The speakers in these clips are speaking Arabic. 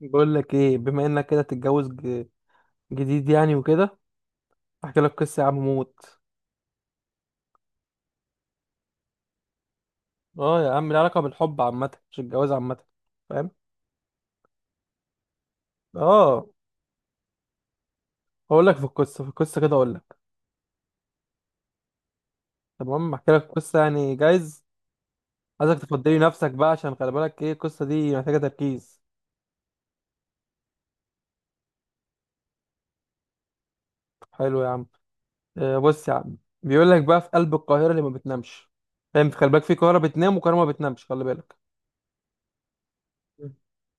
بقول لك ايه، بما انك كده تتجوز جديد يعني وكده. احكي لك قصه يا عم موت. اه يا عم، لها علاقه بالحب عامه، مش الجواز عامه، فاهم؟ اه، هقول لك في القصه كده اقول لك. تمام، احكي لك قصه يعني جايز. عايزك تفضلي نفسك بقى، عشان خلي بالك ايه؟ القصه دي محتاجه تركيز. حلو يا عم. بص يا عم. بيقول لك بقى، في قلب القاهره اللي ما بتنامش. فاهم؟ خلي بالك، في قاهره بتنام وقاهره ما بتنامش، خلي بالك. مم.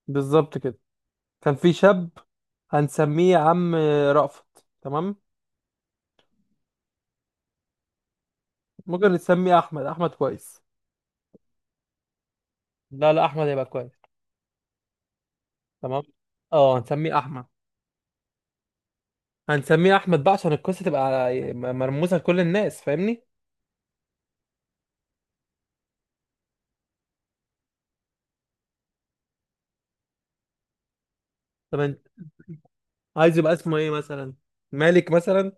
بالظبط كده. كان في شاب. هنسميه يا عم رأفت، تمام؟ ممكن نسميه احمد، احمد كويس. لا، لا، احمد هيبقى كويس. تمام. اه، هنسميه احمد. هنسميه احمد بقى عشان القصه تبقى مرموزه لكل الناس، فاهمني؟ طب انت عايز يبقى اسمه ايه مثلا؟ مالك مثلا.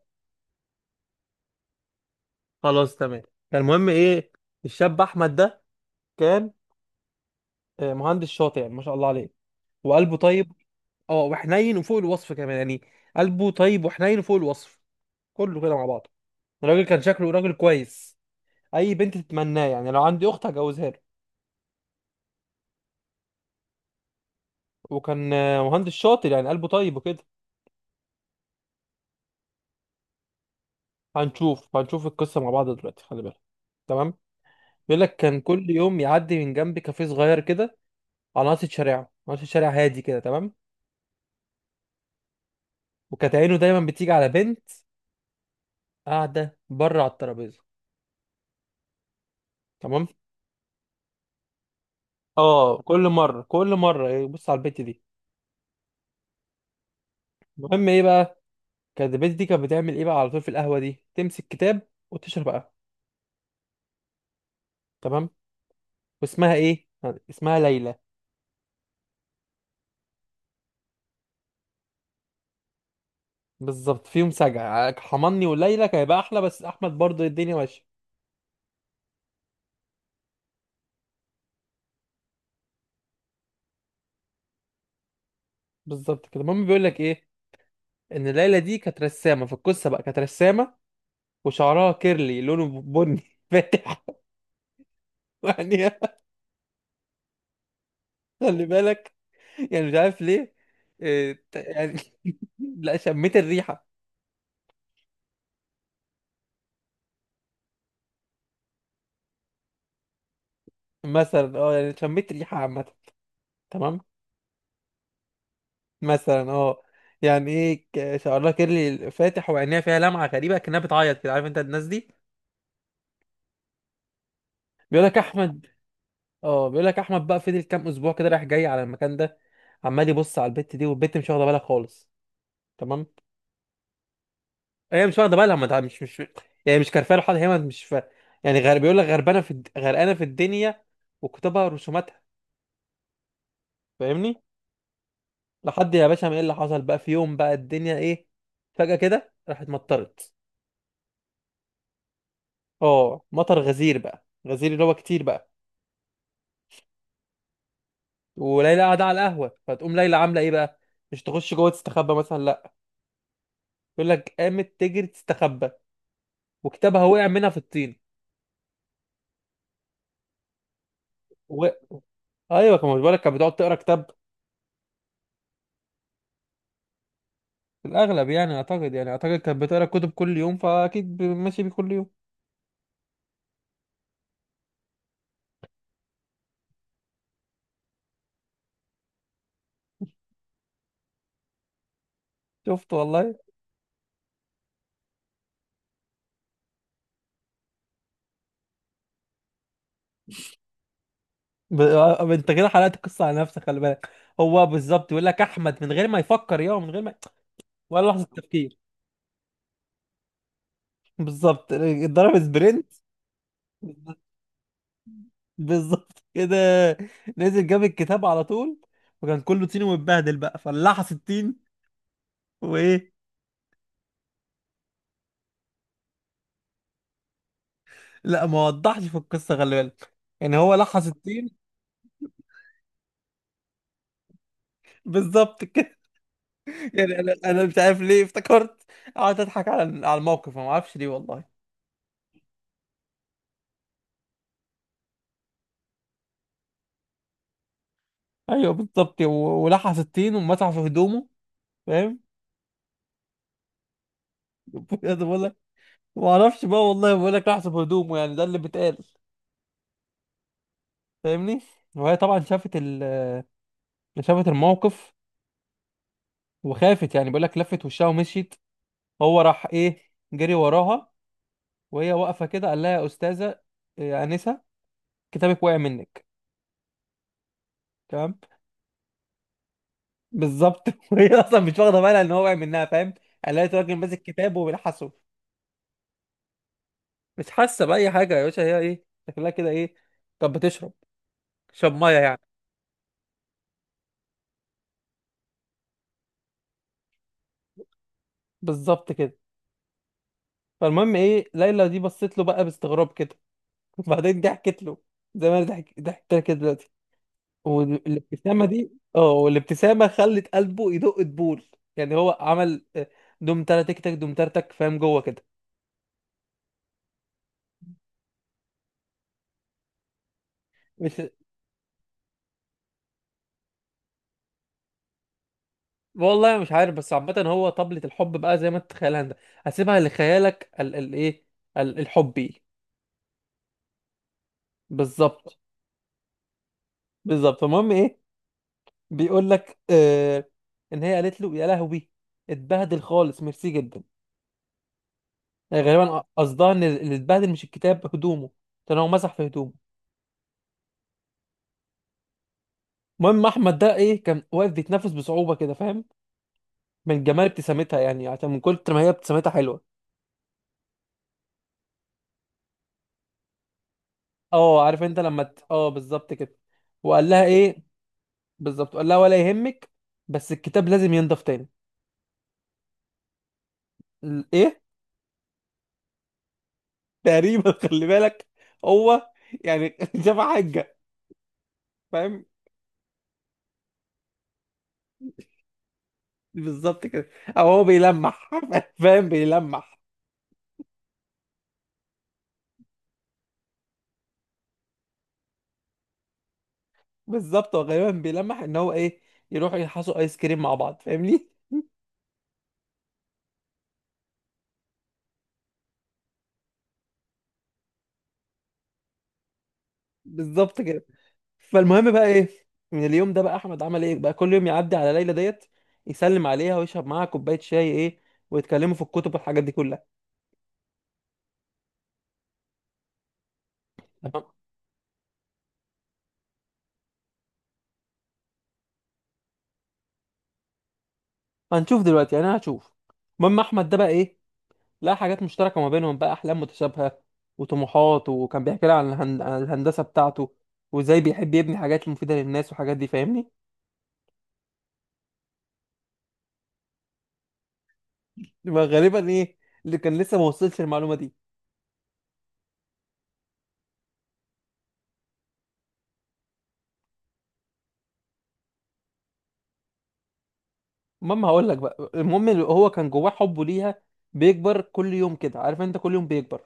خلاص تمام. فالمهم ايه؟ الشاب احمد ده كان، مهندس شاطر يعني، ما شاء الله عليه. وقلبه طيب. اه، وحنين وفوق الوصف كمان يعني. قلبه طيب وحنين وفوق الوصف. كله كده مع بعضه. الراجل كان شكله راجل كويس. اي بنت تتمناه يعني، لو عندي اخت هجوزها له. وكان مهندس شاطر يعني، قلبه طيب وكده. هنشوف القصة مع بعض دلوقتي، خلي بالك. تمام. بيقول لك كان كل يوم يعدي من جنب كافيه صغير كده، على ناصية شارع هادي كده، تمام. وكانت عينه دايما بتيجي على بنت قاعدة بره على الترابيزة، تمام. اه، كل مرة كل مرة يبص على البنت دي. المهم ايه بقى؟ كانت البنت دي كانت بتعمل ايه بقى؟ على طول في القهوة دي تمسك كتاب وتشرب قهوة، تمام. واسمها ايه؟ اسمها ليلى. بالظبط، فيهم سجع، حماني وليلى كان هيبقى احلى، بس احمد برضه الدنيا ماشيه. بالظبط كده، المهم بيقول لك ايه؟ ان ليلى دي كانت رسامه في القصه بقى، كانت رسامه. وشعرها كيرلي لونه بني فاتح يعني. خلي بالك. يعني مش عارف ليه. إيه، يعني. لا، شميت الريحه. مثلا يعني شميت ريحه عامه، تمام. مثلا اه يعني ايه، شعرها كيرلي فاتح وعينيها فيها لمعه غريبه كانها بتعيط كده، عارف انت الناس دي؟ بيقول لك احمد، اه بيقول لك احمد بقى، فضل كام اسبوع كده رايح جاي على المكان ده، عمال يبص على البت دي، والبت مش واخده بالها خالص، تمام. هي مش واخده بالها، ما تع- مش يعني مش كارفه له حاجه، هي مش ف... يعني غير بيقول لك، غرقانه في الدنيا وكتبها رسوماتها، فاهمني؟ لحد يا باشا ما، ايه اللي حصل بقى؟ في يوم بقى الدنيا ايه، فجاه كده راحت مطرت. اه، مطر غزير بقى غزير، اللي هو كتير بقى. وليلى قاعده على القهوه، فتقوم ليلى عامله ايه بقى؟ مش تخش جوه تستخبى مثلا، لا. يقول لك قامت تجري تستخبى، وكتابها وقع منها في الطين، و... ايوه، كان مش بالك، كانت بتقعد تقرا كتاب. في الاغلب يعني، اعتقد يعني اعتقد كانت بتقرا كتب كل يوم، فاكيد ماشي بيه كل يوم. شفت والله. ب... آه، انت كده حلقت القصه على نفسك، خلي بالك. هو بالظبط، يقول لك احمد من غير ما يفكر، يا من غير ما، ولا لحظه تفكير. بالظبط. ضرب سبرنت. بالظبط كده. نزل جاب الكتاب على طول، وكان كله طين ومتبهدل بقى، فلحس الطين وايه. لا، ما وضحش في القصه، خلي بالك. يعني هو لحس الطين. بالظبط كده. يعني، انا مش عارف ليه افتكرت، قعدت اضحك على الموقف، ما اعرفش ليه والله. ايوه بالظبط، ولحس الطين ومسح في هدومه، فاهم؟ بجد بقول لك، ما اعرفش بقى والله، بقول لك لحس في هدومه، يعني ده اللي بيتقال، فاهمني. وهي طبعا شافت ال... شافت الموقف وخافت. يعني بقول لك لفت وشها ومشيت. هو راح ايه، جري وراها، وهي واقفه كده، قال لها: يا استاذه، يا انسه، كتابك وقع منك، تمام. بالظبط وهي اصلا مش واخده بالها ان هو واقع منها، فاهم؟ قالت: راجل ماسك كتاب وبيلحسه. مش حاسه باي حاجه يا باشا، هي ايه؟ شكلها كده ايه؟ كانت بتشرب، شرب ميه يعني. بالظبط كده. فالمهم ايه، ليلى دي بصت له بقى باستغراب كده وبعدين ضحكت له، زي ما انا ضحكت لك كده دلوقتي. والابتسامه دي، اه، والابتسامه خلت قلبه يدق دبول. يعني هو عمل، دم ترتك تك دم ترتك، فاهم جوه كده؟ مش... والله مش عارف، بس عامة هو طبلة الحب بقى زي ما انت تتخيلها انت، هسيبها لخيالك ال ايه، الحبي. بالظبط. بالظبط، فالمهم ايه؟ بيقول لك ان هي قالت له: يا لهوي، اتبهدل خالص، ميرسي جدا. يعني غالبا قصدها ان اللي اتبهدل مش الكتاب، هدومه، كان هو مسح في هدومه. المهم احمد ده ايه، كان واقف بيتنفس بصعوبة كده، فاهم؟ من جمال ابتسامتها يعني، عشان من كتر ما هي ابتسامتها حلوة. اه، عارف انت لما بالظبط كده. وقال لها ايه؟ بالظبط، لا ولا يهمك، بس الكتاب لازم ينضف تاني. ايه؟ تقريبا خلي بالك. هو، يعني شاف حاجه، فاهم؟ بالظبط كده. او هو بيلمح، فاهم؟ بيلمح. بالظبط، هو غالبا بيلمح ان هو ايه، يروحوا يحصوا ايس كريم مع بعض، فاهمني؟ بالظبط كده. فالمهم بقى ايه؟ من اليوم ده بقى احمد عمل ايه بقى، كل يوم يعدي على ليلى ديت، يسلم عليها ويشرب معاها كوبايه شاي ايه، ويتكلموا في الكتب والحاجات دي كلها، تمام. هنشوف دلوقتي، يعني انا هشوف. المهم احمد ده بقى ايه، لا حاجات مشتركة ما بينهم بقى، أحلام متشابهة وطموحات، وكان بيحكي لي عن الهندسة بتاعته، وإزاي بيحب يبني حاجات مفيدة للناس والحاجات دي، فاهمني؟ ما غالبا إيه، اللي كان لسه ما وصلش المعلومة دي. المهم هقول لك بقى، المهم اللي هو كان جواه حبه ليها بيكبر كل يوم، كده عارف أنت، كل يوم بيكبر،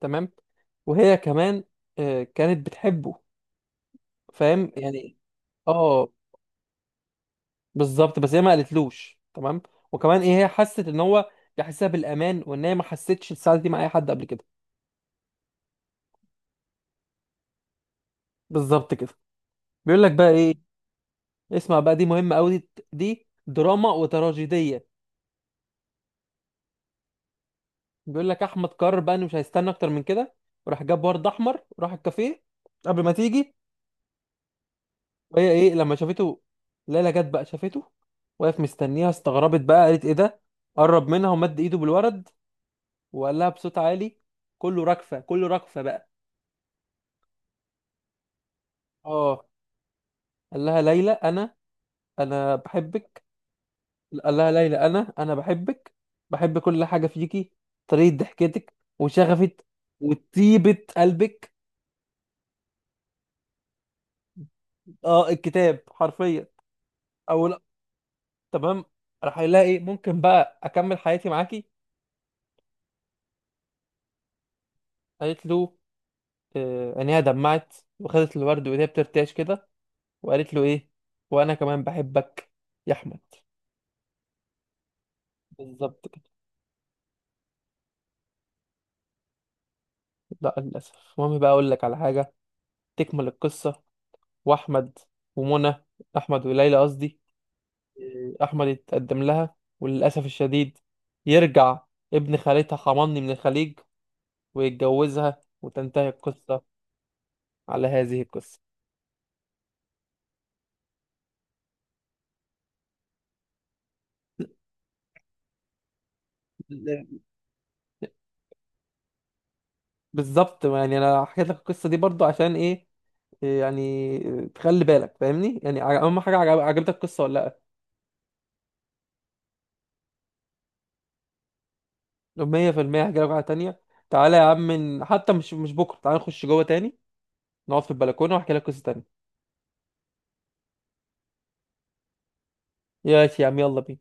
تمام؟ وهي كمان، كانت بتحبه، فاهم يعني؟ اه بالظبط، بس هي ما قالتلوش، تمام. وكمان ايه، هي حست ان هو بيحسها بالامان، وان هي ما حستش السعاده دي مع اي حد قبل كده. بالظبط كده. بيقول لك بقى ايه، اسمع بقى، دي مهمة قوي، دي دراما وتراجيدية. بيقول لك احمد قرر بقى انه مش هيستنى اكتر من كده، وراح جاب ورد احمر، وراح الكافيه قبل ما تيجي. وهي ايه لما شافته؟ ليلى جت بقى، شافته واقف مستنيها، استغربت بقى، قالت: ايه ده؟ قرب منها ومد ايده بالورد، وقال لها بصوت عالي، كله رجفة، كله رجفة بقى. اه، قال لها: ليلى، انا بحبك. قال لها: ليلى، انا بحبك، بحب كل حاجه فيكي، طريقه ضحكتك وشغفك وطيبه قلبك. اه، الكتاب حرفيا. او لا، تمام. راح يلاقي ايه، ممكن بقى اكمل حياتي معاكي؟ قالت له، عينيها دمعت وخدت الورد وهي بترتعش كده، وقالت له ايه، وانا كمان بحبك يا احمد. بالظبط كده. لا للاسف. المهم بقى اقول لك على حاجه، تكمل القصه، واحمد، ومنى، احمد وليلى قصدي، احمد يتقدم لها، وللاسف الشديد يرجع ابن خالتها حماني من الخليج ويتجوزها، وتنتهي القصه على هذه القصه. بالظبط، يعني انا حكيت لك القصه دي برضو عشان ايه؟ إيه يعني، تخلي بالك، فاهمني؟ يعني، اهم حاجه، عجبتك القصه ولا؟ لا، 100% هحكي لك واحده تانية. تعالى يا عم، حتى مش بكره، تعالى نخش جوه تاني، نقعد في البلكونه واحكي لك قصه تانية. يا عم يلا بينا.